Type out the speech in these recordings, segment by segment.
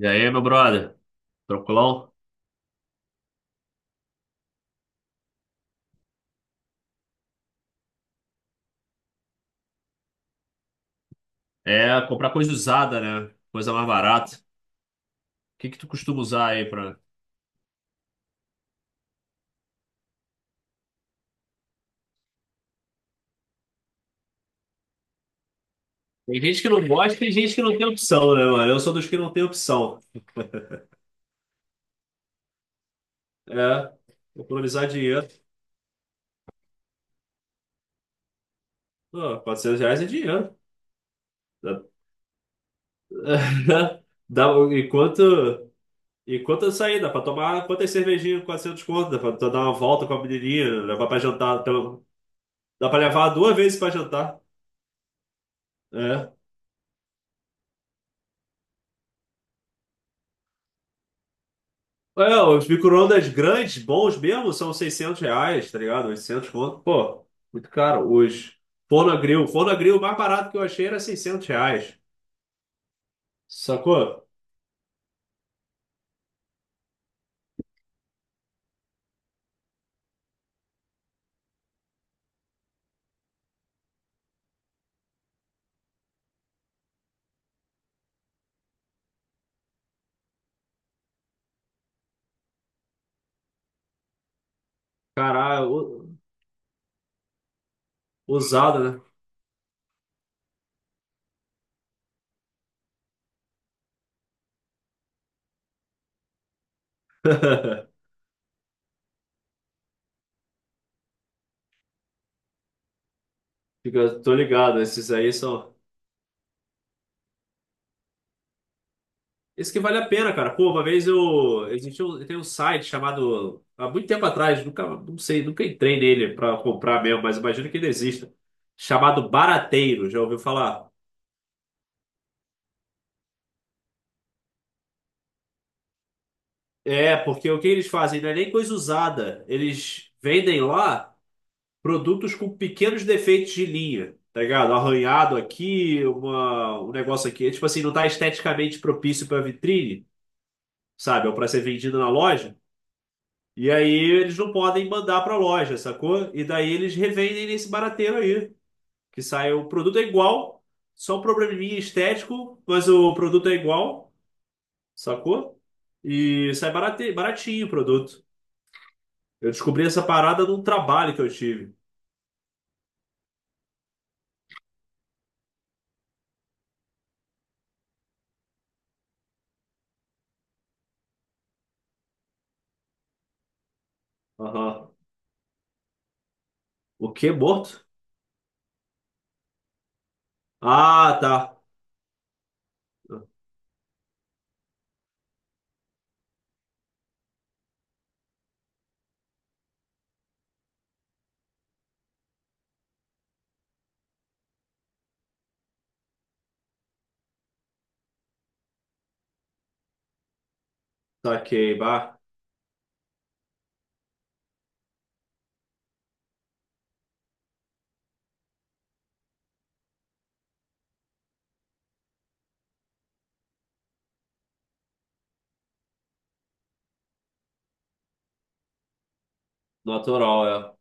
E aí, meu brother? Tranquilão? É comprar coisa usada, né? Coisa mais barata. O que que tu costuma usar aí pra... Tem gente que não gosta, tem gente que não tem opção, né, mano? Eu sou dos que não tem opção. É, economizar dinheiro. Pô, R$ 400 é dinheiro. Dá, dá- enquanto, enquanto eu sair, dá pra tomar quantas cervejinhas, com 400 conto, dá pra tu dar uma volta com a menininha, levar pra jantar. Então, dá pra levar duas vezes pra jantar. É. É, os micro-ondas grandes, bons mesmo, são R$ 600, tá ligado? 800, conto. Pô, muito caro hoje. Forno-grill. Forno-grill, o mais barato que eu achei era R$ 600. Sacou? Caralho, usado, né? Tô ligado, esses aí são. Esse que vale a pena, cara. Pô, uma vez eu. Existiu, tem um site chamado. Há muito tempo atrás, nunca, não sei, nunca entrei nele pra comprar mesmo, mas imagino que ele exista. Chamado Barateiro, já ouviu falar? É, porque o que eles fazem não é nem coisa usada. Eles vendem lá produtos com pequenos defeitos de linha, tá ligado? Arranhado aqui, uma, um negócio aqui. É, tipo assim, não tá esteticamente propício pra vitrine, sabe? Ou pra ser vendido na loja. E aí eles não podem mandar pra loja, sacou? E daí eles revendem nesse barateiro aí. Que sai o produto é igual, só um probleminha estético, mas o produto é igual, sacou? E sai baratinho o produto. Eu descobri essa parada num trabalho que eu tive. Aham. O quê? Morto? Ah, tá. Saquei, bah. Natural, é.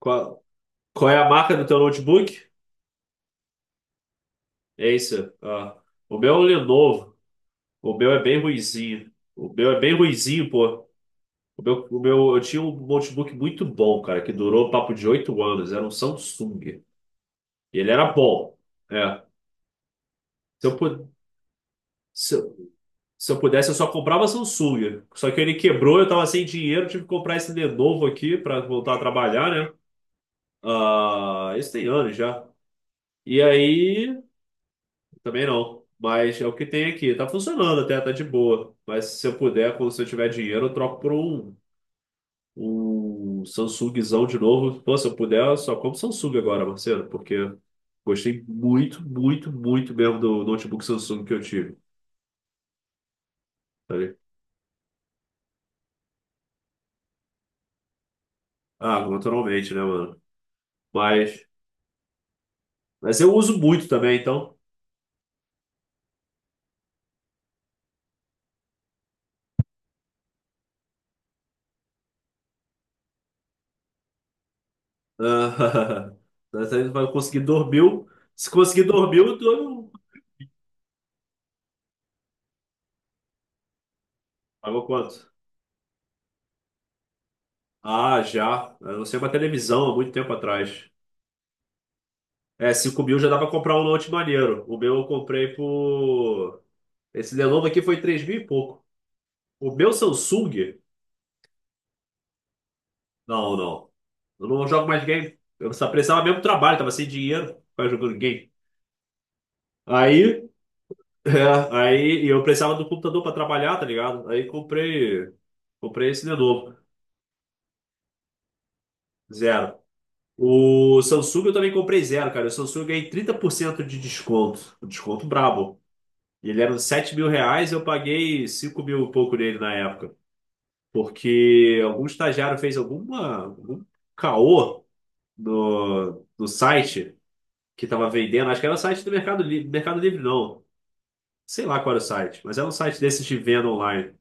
Qual, qual é a marca do teu notebook? Acer. Ah. O meu é um Lenovo. O meu é bem ruizinho. O meu é bem ruizinho, pô. O meu, eu tinha um notebook muito bom, cara, que durou papo de 8 anos. Era um Samsung. E ele era bom. É. Se eu, pu- se, Se eu pudesse, eu só comprava Samsung. Só que ele quebrou, eu tava sem dinheiro, tive que comprar esse Lenovo aqui pra voltar a trabalhar, né? Ah, isso tem anos já. E aí, também não. Mas é o que tem aqui. Tá funcionando até, tá de boa. Mas se eu puder, quando se eu tiver dinheiro, eu troco por um Samsungzão de novo. Pô, se eu puder, eu só compro Samsung agora, Marcelo, porque gostei muito, muito, muito mesmo do notebook Samsung que eu tive. Tá ligado? Ah, naturalmente, né, mano? Mas. Mas eu uso muito também, então. Ah, você vai conseguir dormir. Se conseguir dormir, eu durmo. Pagou quanto? Ah, já. Eu não sei uma televisão há muito tempo atrás. É, 5 mil já dá pra comprar um note maneiro. O meu eu comprei por. Esse Lenovo aqui foi 3 mil e pouco. O meu Samsung. Não, não. Eu não jogo mais game. Eu só precisava mesmo do trabalho, tava sem dinheiro. Ficava jogando game. Aí É, aí e eu precisava do computador para trabalhar, tá ligado? Aí comprei esse de novo, zero. O Samsung eu também comprei zero, cara. O Samsung eu ganhei 30% de desconto, um desconto brabo. E ele era uns R$ 7 mil, eu paguei 5 mil e pouco nele na época. Porque algum estagiário fez alguma, algum caô no site que tava vendendo. Acho que era o site do Mercado Livre, Mercado Livre não. Sei lá qual era o site, mas era um site desses de venda online,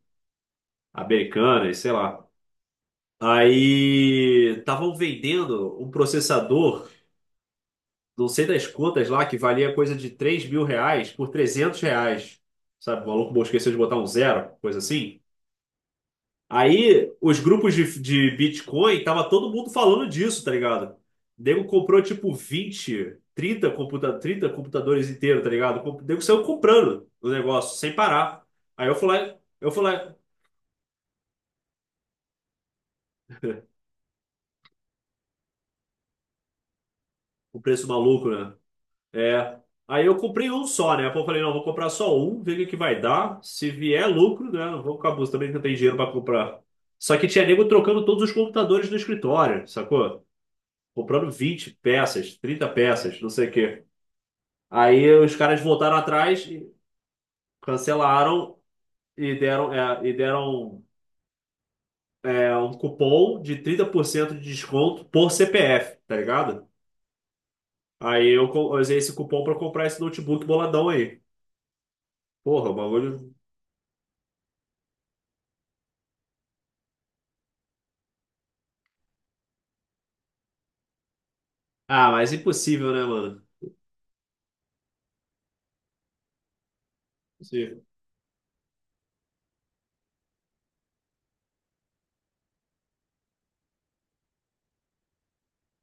americana e sei lá. Aí estavam vendendo um processador, não sei das quantas lá, que valia coisa de R$ 3 mil por R$ 300. Sabe, o maluco bom esqueceu de botar um zero, coisa assim. Aí os grupos de Bitcoin, tava todo mundo falando disso, tá ligado? O nego comprou tipo 20, 30 computa 30 computadores inteiros, tá ligado? O nego saiu comprando o negócio, sem parar. Aí eu fui lá, o preço maluco, né? É. Aí eu comprei um só, né? Pô, eu falei, não, vou comprar só um, ver o que que vai dar. Se vier lucro, né? Não vou ficar buscando também, que eu tenho dinheiro pra comprar. Só que tinha nego trocando todos os computadores do escritório, sacou? Comprando 20 peças, 30 peças, não sei o quê. Aí os caras voltaram atrás, e cancelaram e e deram um cupom de 30% de desconto por CPF, tá ligado? Aí eu usei esse cupom pra comprar esse notebook boladão aí. Porra, o bagulho. Ah, mas impossível, né, mano? Impossível.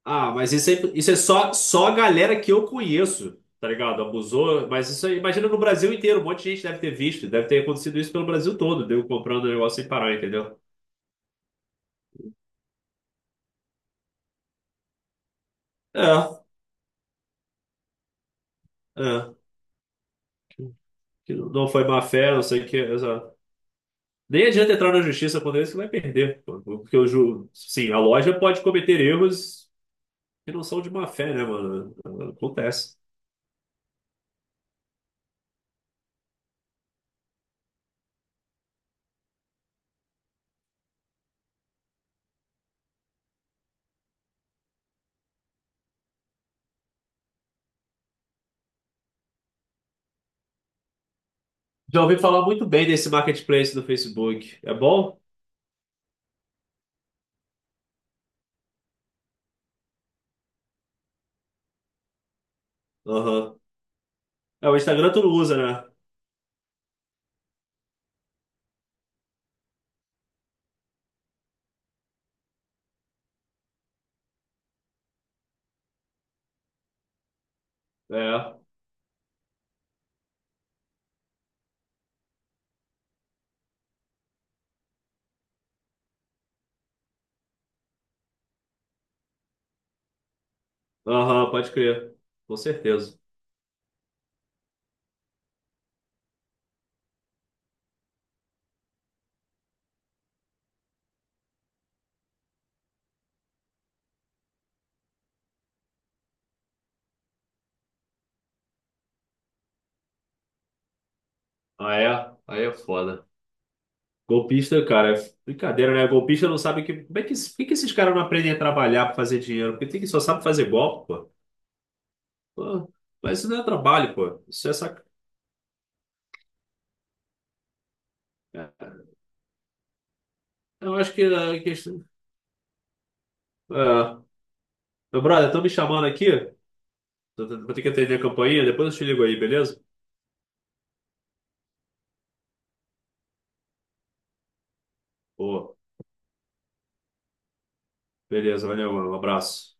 Ah, mas isso é só, só a galera que eu conheço, tá ligado? Abusou, mas isso aí, imagina no Brasil inteiro, um monte de gente deve ter visto, deve ter acontecido isso pelo Brasil todo, deu comprando negócio sem parar, entendeu? É, é. Que não foi má fé, não sei o que. Exato. Nem adianta entrar na justiça quando isso que vai perder, pô, porque eu juro, sim, a loja pode cometer erros que não são de má fé, né, mano? Acontece. Já ouvi falar muito bem desse marketplace do Facebook. É bom? Aham. É, o Instagram tu não usa, né? É. Aham, pode crer. Com certeza. Ah, é? Aí é foda. Golpista, cara, é brincadeira, né? Golpista não sabe que. Como é que, por que que esses caras não aprendem a trabalhar pra fazer dinheiro? Porque tem que só sabe fazer golpe, pô. Pô, mas isso não é trabalho, pô. Isso é sac... é, eu acho que a questão. É. Meu brother, estão me chamando aqui. Vou ter que atender a campainha. Depois eu te ligo aí, beleza? Pô, beleza, valeu, mano. Um abraço.